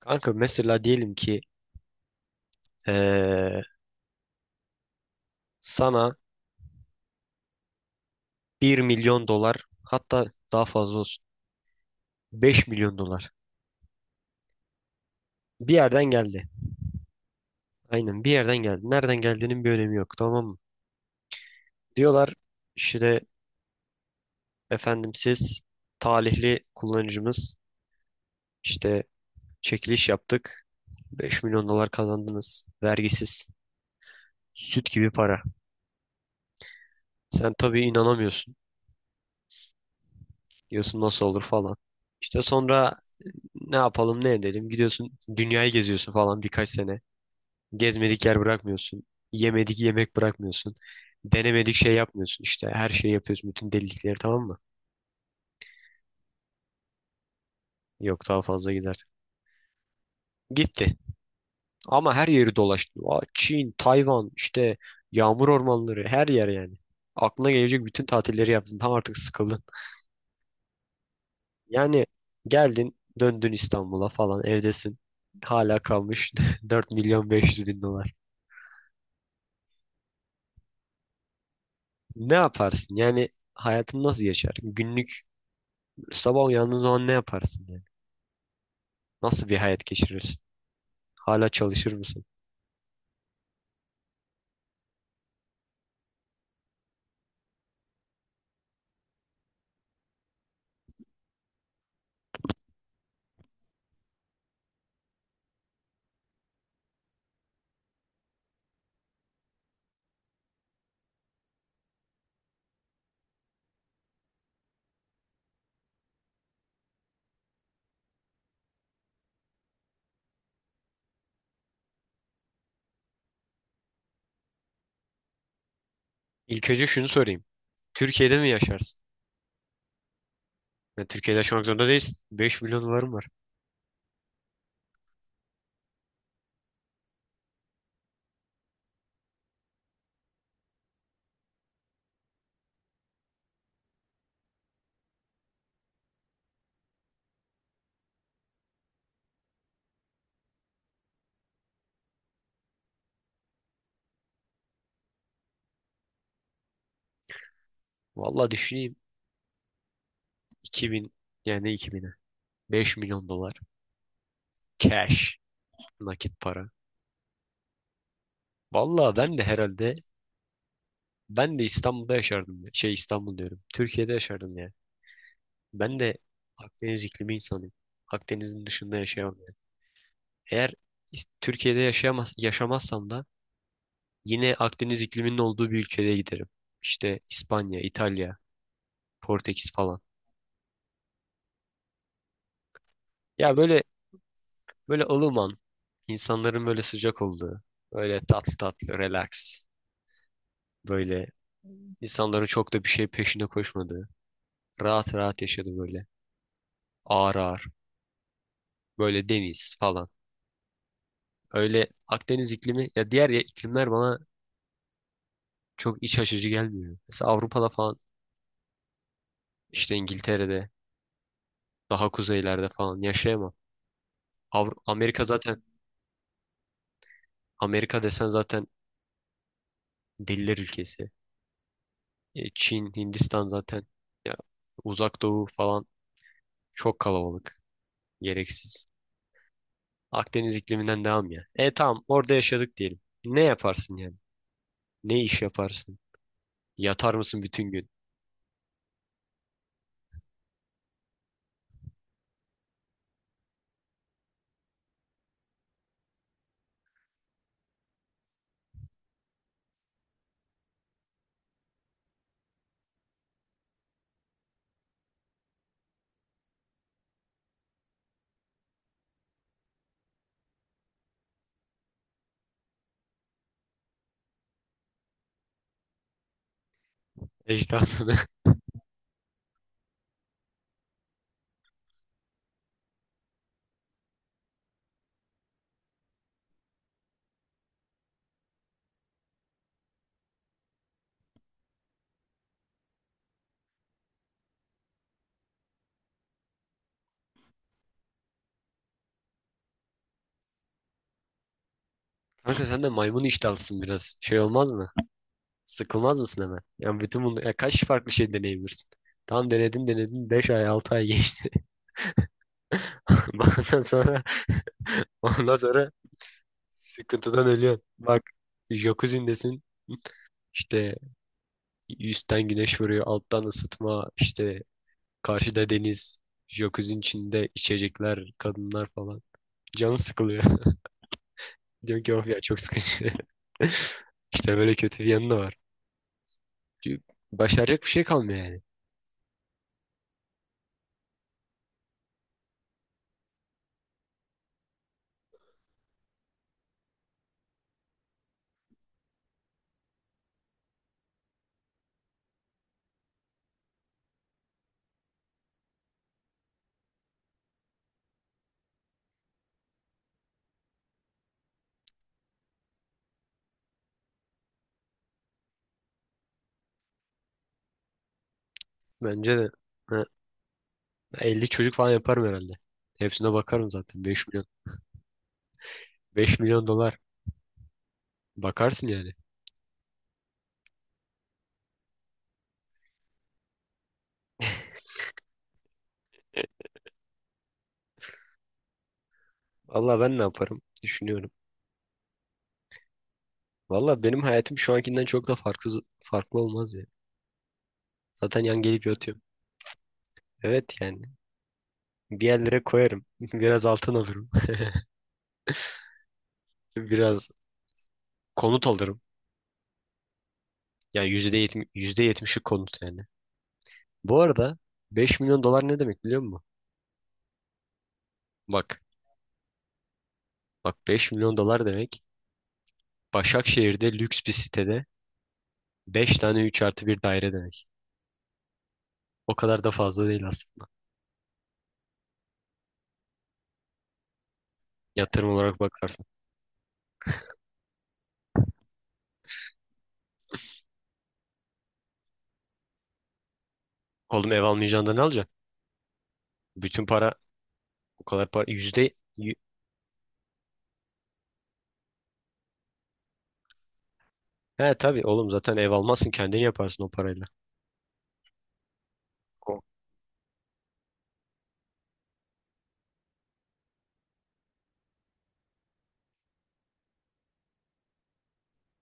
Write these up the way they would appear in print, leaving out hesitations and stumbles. Kanka mesela diyelim ki eee, sana 1 milyon dolar hatta daha fazla olsun 5 milyon dolar bir yerden geldi. Aynen bir yerden geldi. Nereden geldiğinin bir önemi yok, tamam mı? Diyorlar işte efendim siz talihli kullanıcımız işte çekiliş yaptık. 5 milyon dolar kazandınız. Vergisiz. Süt gibi para. Sen tabii inanamıyorsun. Diyorsun nasıl olur falan. İşte sonra ne yapalım ne edelim. Gidiyorsun dünyayı geziyorsun falan birkaç sene. Gezmedik yer bırakmıyorsun. Yemedik yemek bırakmıyorsun. Denemedik şey yapmıyorsun. İşte her şeyi yapıyorsun. Bütün delilikleri, tamam mı? Yok, daha fazla gider. Gitti. Ama her yeri dolaştı. Aa, Çin, Tayvan, işte yağmur ormanları, her yer yani. Aklına gelecek bütün tatilleri yaptın. Tam artık sıkıldın. Yani geldin döndün İstanbul'a falan evdesin. Hala kalmış 4.500.000 dolar. Ne yaparsın? Yani hayatın nasıl geçer? Günlük sabah uyandığın zaman ne yaparsın yani? Nasıl bir hayat geçirirsin? Hala çalışır mısın? İlk önce şunu sorayım. Türkiye'de mi yaşarsın? Yani Türkiye'de yaşamak zorunda değilsin. 5 milyon dolarım var. Vallahi düşüneyim. 2000 yani 2000'e. 5 milyon dolar. Cash. Nakit para. Vallahi ben de herhalde ben de İstanbul'da yaşardım. Şey, İstanbul diyorum. Türkiye'de yaşardım yani. Ben de Akdeniz iklimi insanıyım. Akdeniz'in dışında yaşayamam yani. Eğer Türkiye'de yaşamazsam da yine Akdeniz ikliminin olduğu bir ülkeye giderim. İşte İspanya, İtalya, Portekiz falan. Ya, böyle böyle ılıman, insanların böyle sıcak olduğu, böyle tatlı tatlı, relax, böyle insanların çok da bir şey peşinde koşmadığı, rahat rahat yaşadığı böyle, ağır ağır, böyle deniz falan. Öyle Akdeniz iklimi, ya diğer ya iklimler bana çok iç açıcı gelmiyor. Mesela Avrupa'da falan, işte İngiltere'de, daha kuzeylerde falan yaşayamam. Avru- Amerika zaten Amerika desen zaten, diller ülkesi. E, Çin, Hindistan zaten. Ya, Uzak Doğu falan çok kalabalık. Gereksiz. Akdeniz ikliminden devam ya. E tamam, orada yaşadık diyelim. Ne yaparsın yani? Ne iş yaparsın? Yatar mısın bütün gün? Ejderhanı. Kanka sen de maymun iştahlısın biraz. Şey olmaz mı? Sıkılmaz mısın hemen? Yani bütün bunu ya kaç farklı şey deneyebilirsin? Tam denedin denedin 5 ay 6 ay geçti. Ondan sonra ondan sonra sıkıntıdan ölüyorsun. Bak, jacuzzi'ndesin. İşte üstten güneş vuruyor, alttan ısıtma, işte karşıda deniz, jacuzzi'nin içinde içecekler, kadınlar falan. Canı sıkılıyor. Diyor ki of ya, çok sıkıcı. İşte böyle kötü bir yanı da var. Çünkü başaracak bir şey kalmıyor yani. Bence de, ha, 50 çocuk falan yaparım herhalde. Hepsine bakarım zaten. 5 milyon. 5 milyon dolar. Bakarsın yani. Valla ben ne yaparım düşünüyorum. Valla benim hayatım şu ankinden çok da farklı farklı olmaz ya. Zaten yan gelip yatıyorum. Evet yani. Bir yerlere koyarım. Biraz altın alırım. Biraz konut alırım. Yani yüzde yetmişi konut yani. Bu arada 5 milyon dolar ne demek biliyor musun? Bak. Bak, 5 milyon dolar demek. Başakşehir'de lüks bir sitede 5 tane 3+1 daire demek. O kadar da fazla değil aslında. Yatırım olarak bakarsan. Oğlum, ev almayacağın da ne alacaksın? Bütün para o kadar para. Yü- He tabii oğlum, zaten ev almazsın, kendini yaparsın o parayla. O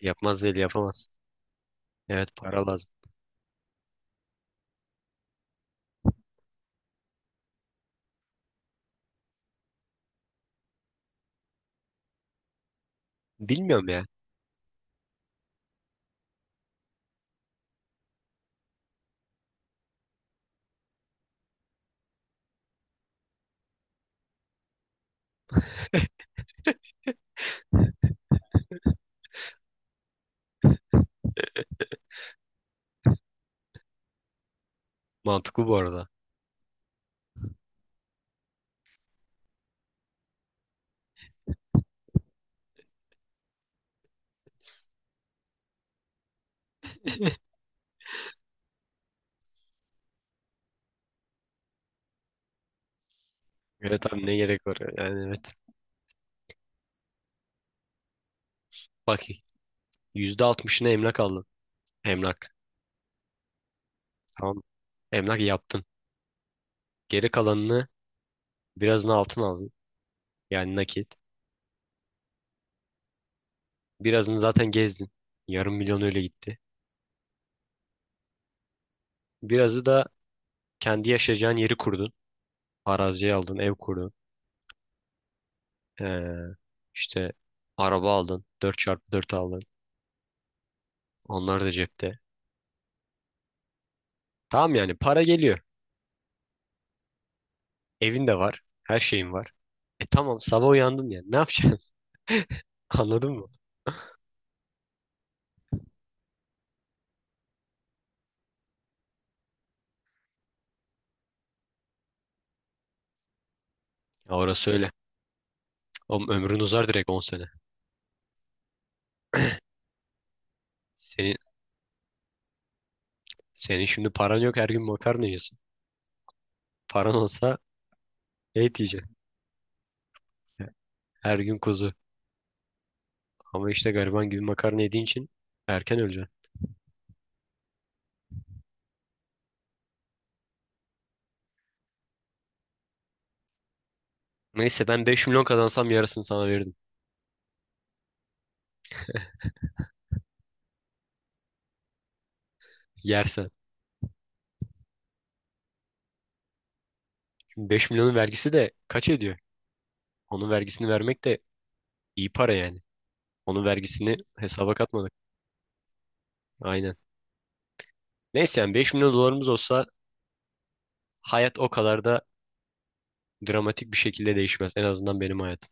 Yapmaz değil yapamaz. Evet para lazım. Bilmiyorum ya. Mantıklı bu arada. Evet abi, ne gerek var ya? Yani evet. Bak, %60'ını emlak aldın. Emlak. Tamam. Emlak yaptın. Geri kalanını, birazını altın aldın. Yani nakit. Birazını zaten gezdin. Yarım milyon öyle gitti. Birazı da kendi yaşayacağın yeri kurdun. Arazi aldın, ev kurdun. Ee, işte araba aldın. 4x4 aldın. Onlar da cepte. Tamam yani para geliyor. Evin de var. Her şeyin var. E tamam, sabah uyandın yani. Ne yapacaksın? Anladın mı? Ya orası öyle. Oğlum ömrün uzar direkt 10 sene. Senin, senin şimdi paran yok, her gün makarna yiyorsun. Paran olsa et yiyeceksin. Her gün kuzu. Ama işte gariban gibi makarna yediğin için erken öleceksin. Neyse ben 5 milyon kazansam yarısını sana verirdim. Yersen. Şimdi 5 milyonun vergisi de kaç ediyor? Onun vergisini vermek de iyi para yani. Onun vergisini hesaba katmadık. Aynen. Neyse yani 5 milyon dolarımız olsa hayat o kadar da dramatik bir şekilde değişmez. En azından benim hayatım.